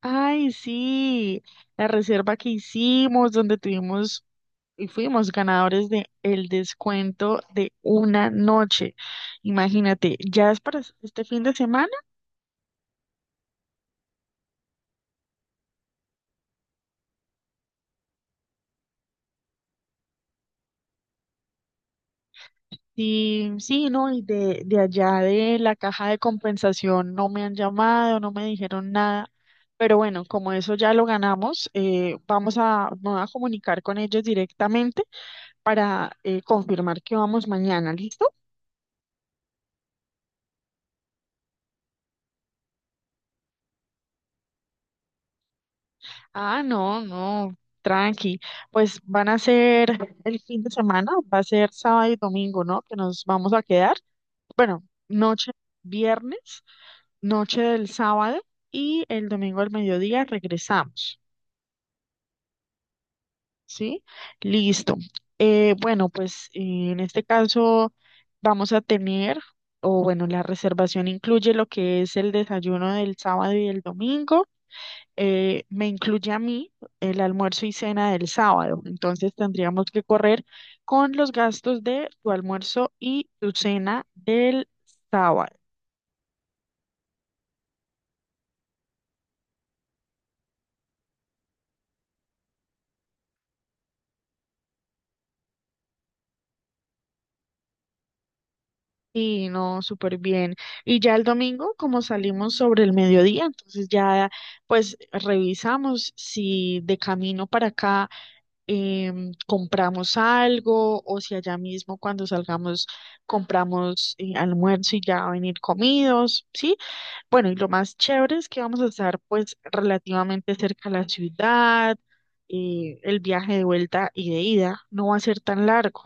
Ay, sí, la reserva que hicimos, donde tuvimos y fuimos ganadores de el descuento de una noche. Imagínate, ya es para este fin de semana. Sí, sí, no, y de allá de la caja de compensación no me han llamado, no me dijeron nada. Pero bueno, como eso ya lo ganamos, vamos a, me voy a comunicar con ellos directamente para confirmar que vamos mañana, ¿listo? Ah, no, no, tranqui. Pues van a ser el fin de semana, va a ser sábado y domingo, ¿no? Que nos vamos a quedar. Bueno, noche viernes, noche del sábado y el domingo al mediodía regresamos, ¿sí? Listo. Bueno, en este caso vamos a tener, o bueno, la reservación incluye lo que es el desayuno del sábado y el domingo, me incluye a mí el almuerzo y cena del sábado. Entonces tendríamos que correr con los gastos de tu almuerzo y tu cena del sábado. Y no, súper bien. Y ya el domingo, como salimos sobre el mediodía, entonces ya pues revisamos si de camino para acá compramos algo o si allá mismo cuando salgamos compramos almuerzo y ya venir comidos, ¿sí? Bueno, y lo más chévere es que vamos a estar pues relativamente cerca a la ciudad, el viaje de vuelta y de ida no va a ser tan largo.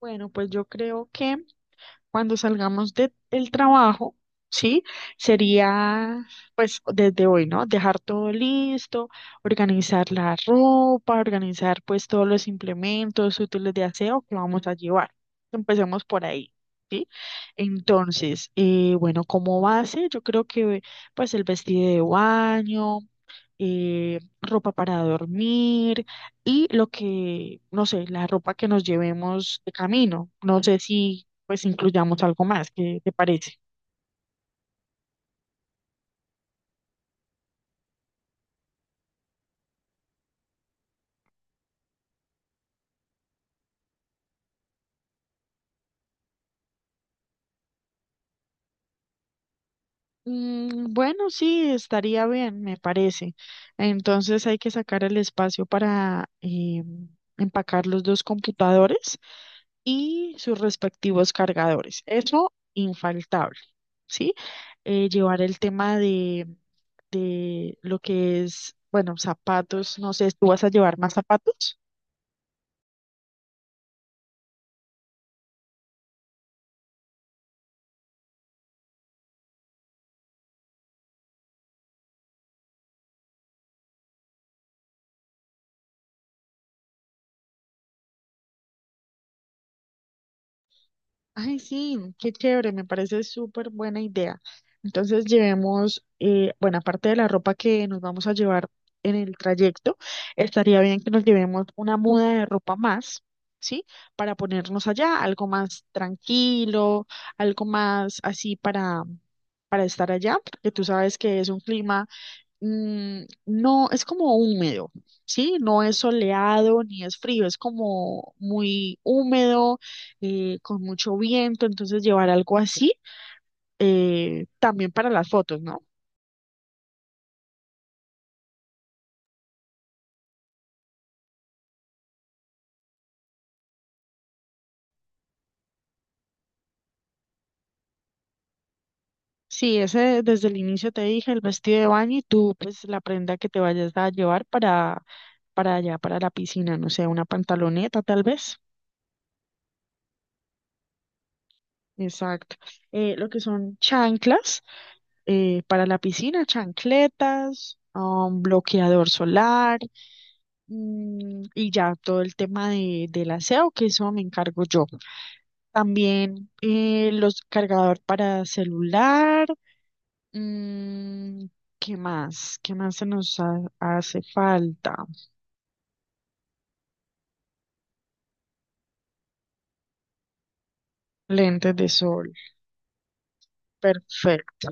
Bueno, pues yo creo que cuando salgamos del trabajo, ¿sí? Sería, pues, desde hoy, ¿no? Dejar todo listo, organizar la ropa, organizar, pues, todos los implementos útiles de aseo que vamos a llevar. Empecemos por ahí. ¿Sí? Entonces, bueno, como base, yo creo que pues el vestido de baño, ropa para dormir y lo que, no sé, la ropa que nos llevemos de camino. No sé si pues incluyamos algo más, ¿qué te parece? Bueno, sí, estaría bien, me parece. Entonces hay que sacar el espacio para empacar los dos computadores y sus respectivos cargadores. Eso infaltable, ¿sí? Llevar el tema de lo que es, bueno, zapatos, no sé, ¿tú vas a llevar más zapatos? Ay, sí, qué chévere, me parece súper buena idea. Entonces llevemos, bueno, aparte de la ropa que nos vamos a llevar en el trayecto, estaría bien que nos llevemos una muda de ropa más, ¿sí? Para ponernos allá, algo más tranquilo, algo más así para estar allá, porque tú sabes que es un clima, no, es como húmedo, ¿sí? No es soleado ni es frío, es como muy húmedo, con mucho viento, entonces llevar algo así, también para las fotos, ¿no? Sí, ese desde el inicio te dije, el vestido de baño y tú, pues la prenda que te vayas a llevar para allá, para la piscina, no sé, una pantaloneta tal vez. Exacto. Lo que son chanclas, para la piscina, chancletas, bloqueador solar, y ya todo el tema del aseo, que eso me encargo yo. También los cargador para celular. mm, ¿Qué más? ¿Qué más se nos hace falta? Lentes de sol. Perfecto.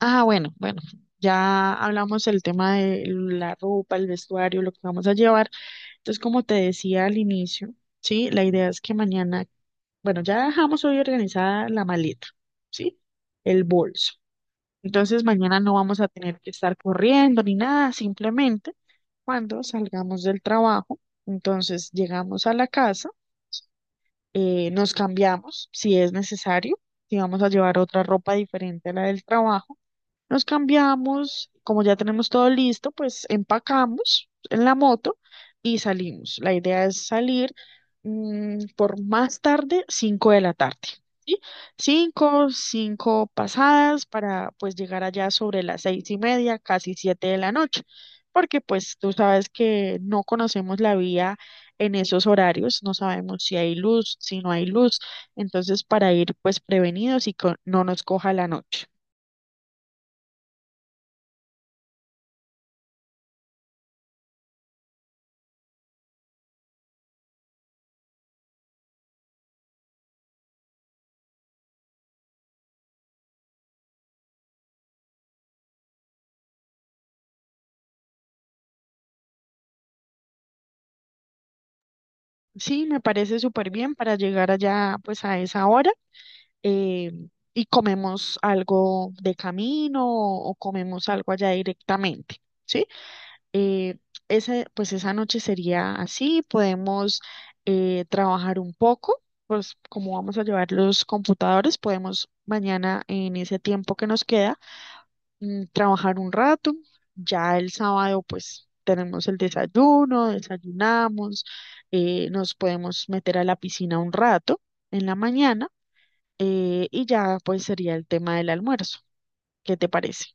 Ah, bueno, bueno, ya hablamos del tema de la ropa, el vestuario, lo que vamos a llevar. Entonces, como te decía al inicio, sí, la idea es que mañana, bueno, ya dejamos hoy organizada la maleta, sí, el bolso. Entonces, mañana no vamos a tener que estar corriendo ni nada, simplemente cuando salgamos del trabajo, entonces llegamos a la casa, nos cambiamos si es necesario, si vamos a llevar otra ropa diferente a la del trabajo nos cambiamos, como ya tenemos todo listo, pues empacamos en la moto y salimos. La idea es salir, por más tarde, 5 de la tarde, ¿sí? Cinco, 5 pasadas para pues llegar allá sobre las seis y media, casi 7 de la noche, porque pues tú sabes que no conocemos la vía en esos horarios, no sabemos si hay luz, si no hay luz, entonces para ir pues prevenidos y que no nos coja la noche. Sí, me parece súper bien para llegar allá pues a esa hora, eh, y comemos algo de camino o, comemos algo allá directamente, ¿sí? Eh, pues esa noche sería así, podemos trabajar un poco, pues como vamos a llevar los computadores, podemos mañana en ese tiempo que nos queda, trabajar un rato. Ya el sábado, pues tenemos el desayuno, desayunamos, nos podemos meter a la piscina un rato en la mañana, y ya pues sería el tema del almuerzo. ¿Qué te parece?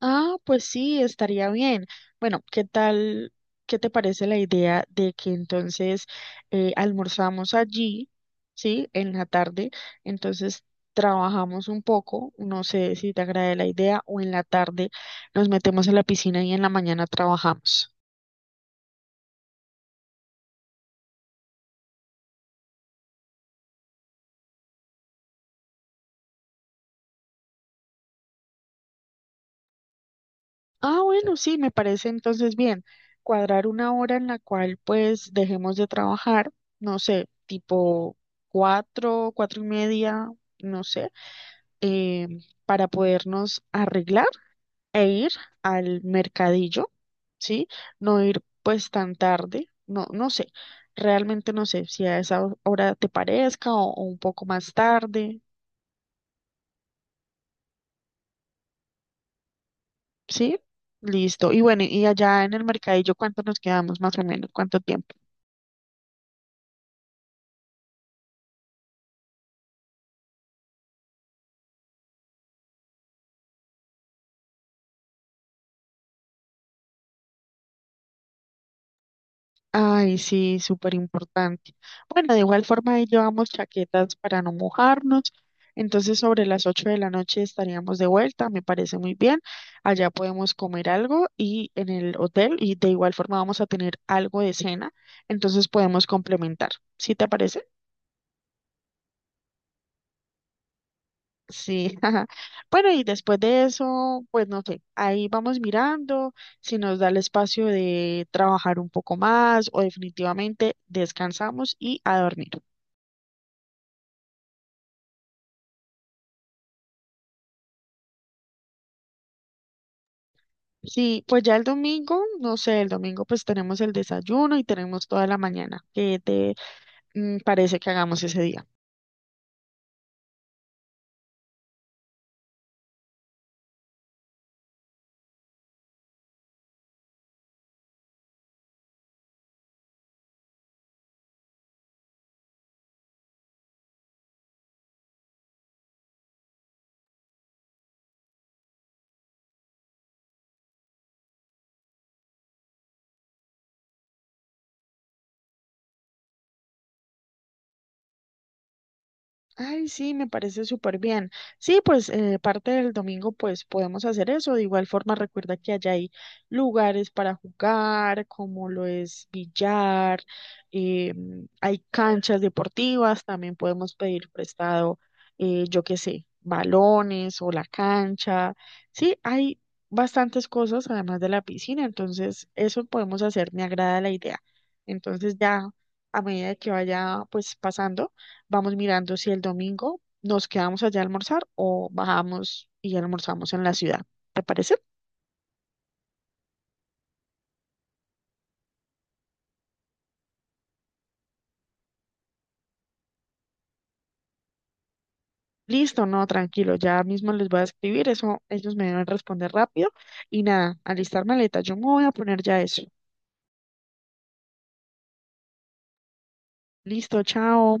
Ah, pues sí, estaría bien. Bueno, ¿qué tal? ¿Qué te parece la idea de que entonces almorzamos allí, sí, en la tarde? Entonces trabajamos un poco, no sé si te agrade la idea, o en la tarde nos metemos en la piscina y en la mañana trabajamos. Ah, bueno, sí, me parece entonces bien. Cuadrar una hora en la cual pues dejemos de trabajar, no sé, tipo cuatro, cuatro y media, no sé. eh, para podernos arreglar e ir al mercadillo, ¿sí? No ir pues tan tarde, no, no sé, realmente no sé si a esa hora te parezca o un poco más tarde, ¿sí? Listo. Y bueno, y allá en el mercadillo, ¿cuánto nos quedamos más o menos? ¿Cuánto tiempo? Ay, sí, súper importante. Bueno, de igual forma ahí llevamos chaquetas para no mojarnos. Entonces, sobre las 8 de la noche estaríamos de vuelta, me parece muy bien. Allá podemos comer algo y en el hotel y de igual forma vamos a tener algo de cena, entonces podemos complementar. ¿Sí te parece? Sí. Ajá. Bueno, y después de eso, pues no sé, ahí vamos mirando si nos da el espacio de trabajar un poco más o definitivamente descansamos y a dormir. Sí, pues ya el domingo, no sé, el domingo pues tenemos el desayuno y tenemos toda la mañana. ¿Qué te, parece que hagamos ese día? Ay, sí, me parece súper bien. Sí, pues parte del domingo pues podemos hacer eso. De igual forma, recuerda que allá hay lugares para jugar, como lo es billar, eh, hay canchas deportivas, también podemos pedir prestado, yo qué sé, balones o la cancha. Sí, hay bastantes cosas además de la piscina, entonces eso podemos hacer, me agrada la idea. Entonces ya a medida que vaya pues pasando. Vamos mirando si el domingo nos quedamos allá a almorzar o bajamos y almorzamos en la ciudad. ¿Te parece? Listo, no, tranquilo, ya mismo les voy a escribir, eso ellos me deben responder rápido y nada, alistar maleta, yo me voy a poner ya eso. Listo, chao.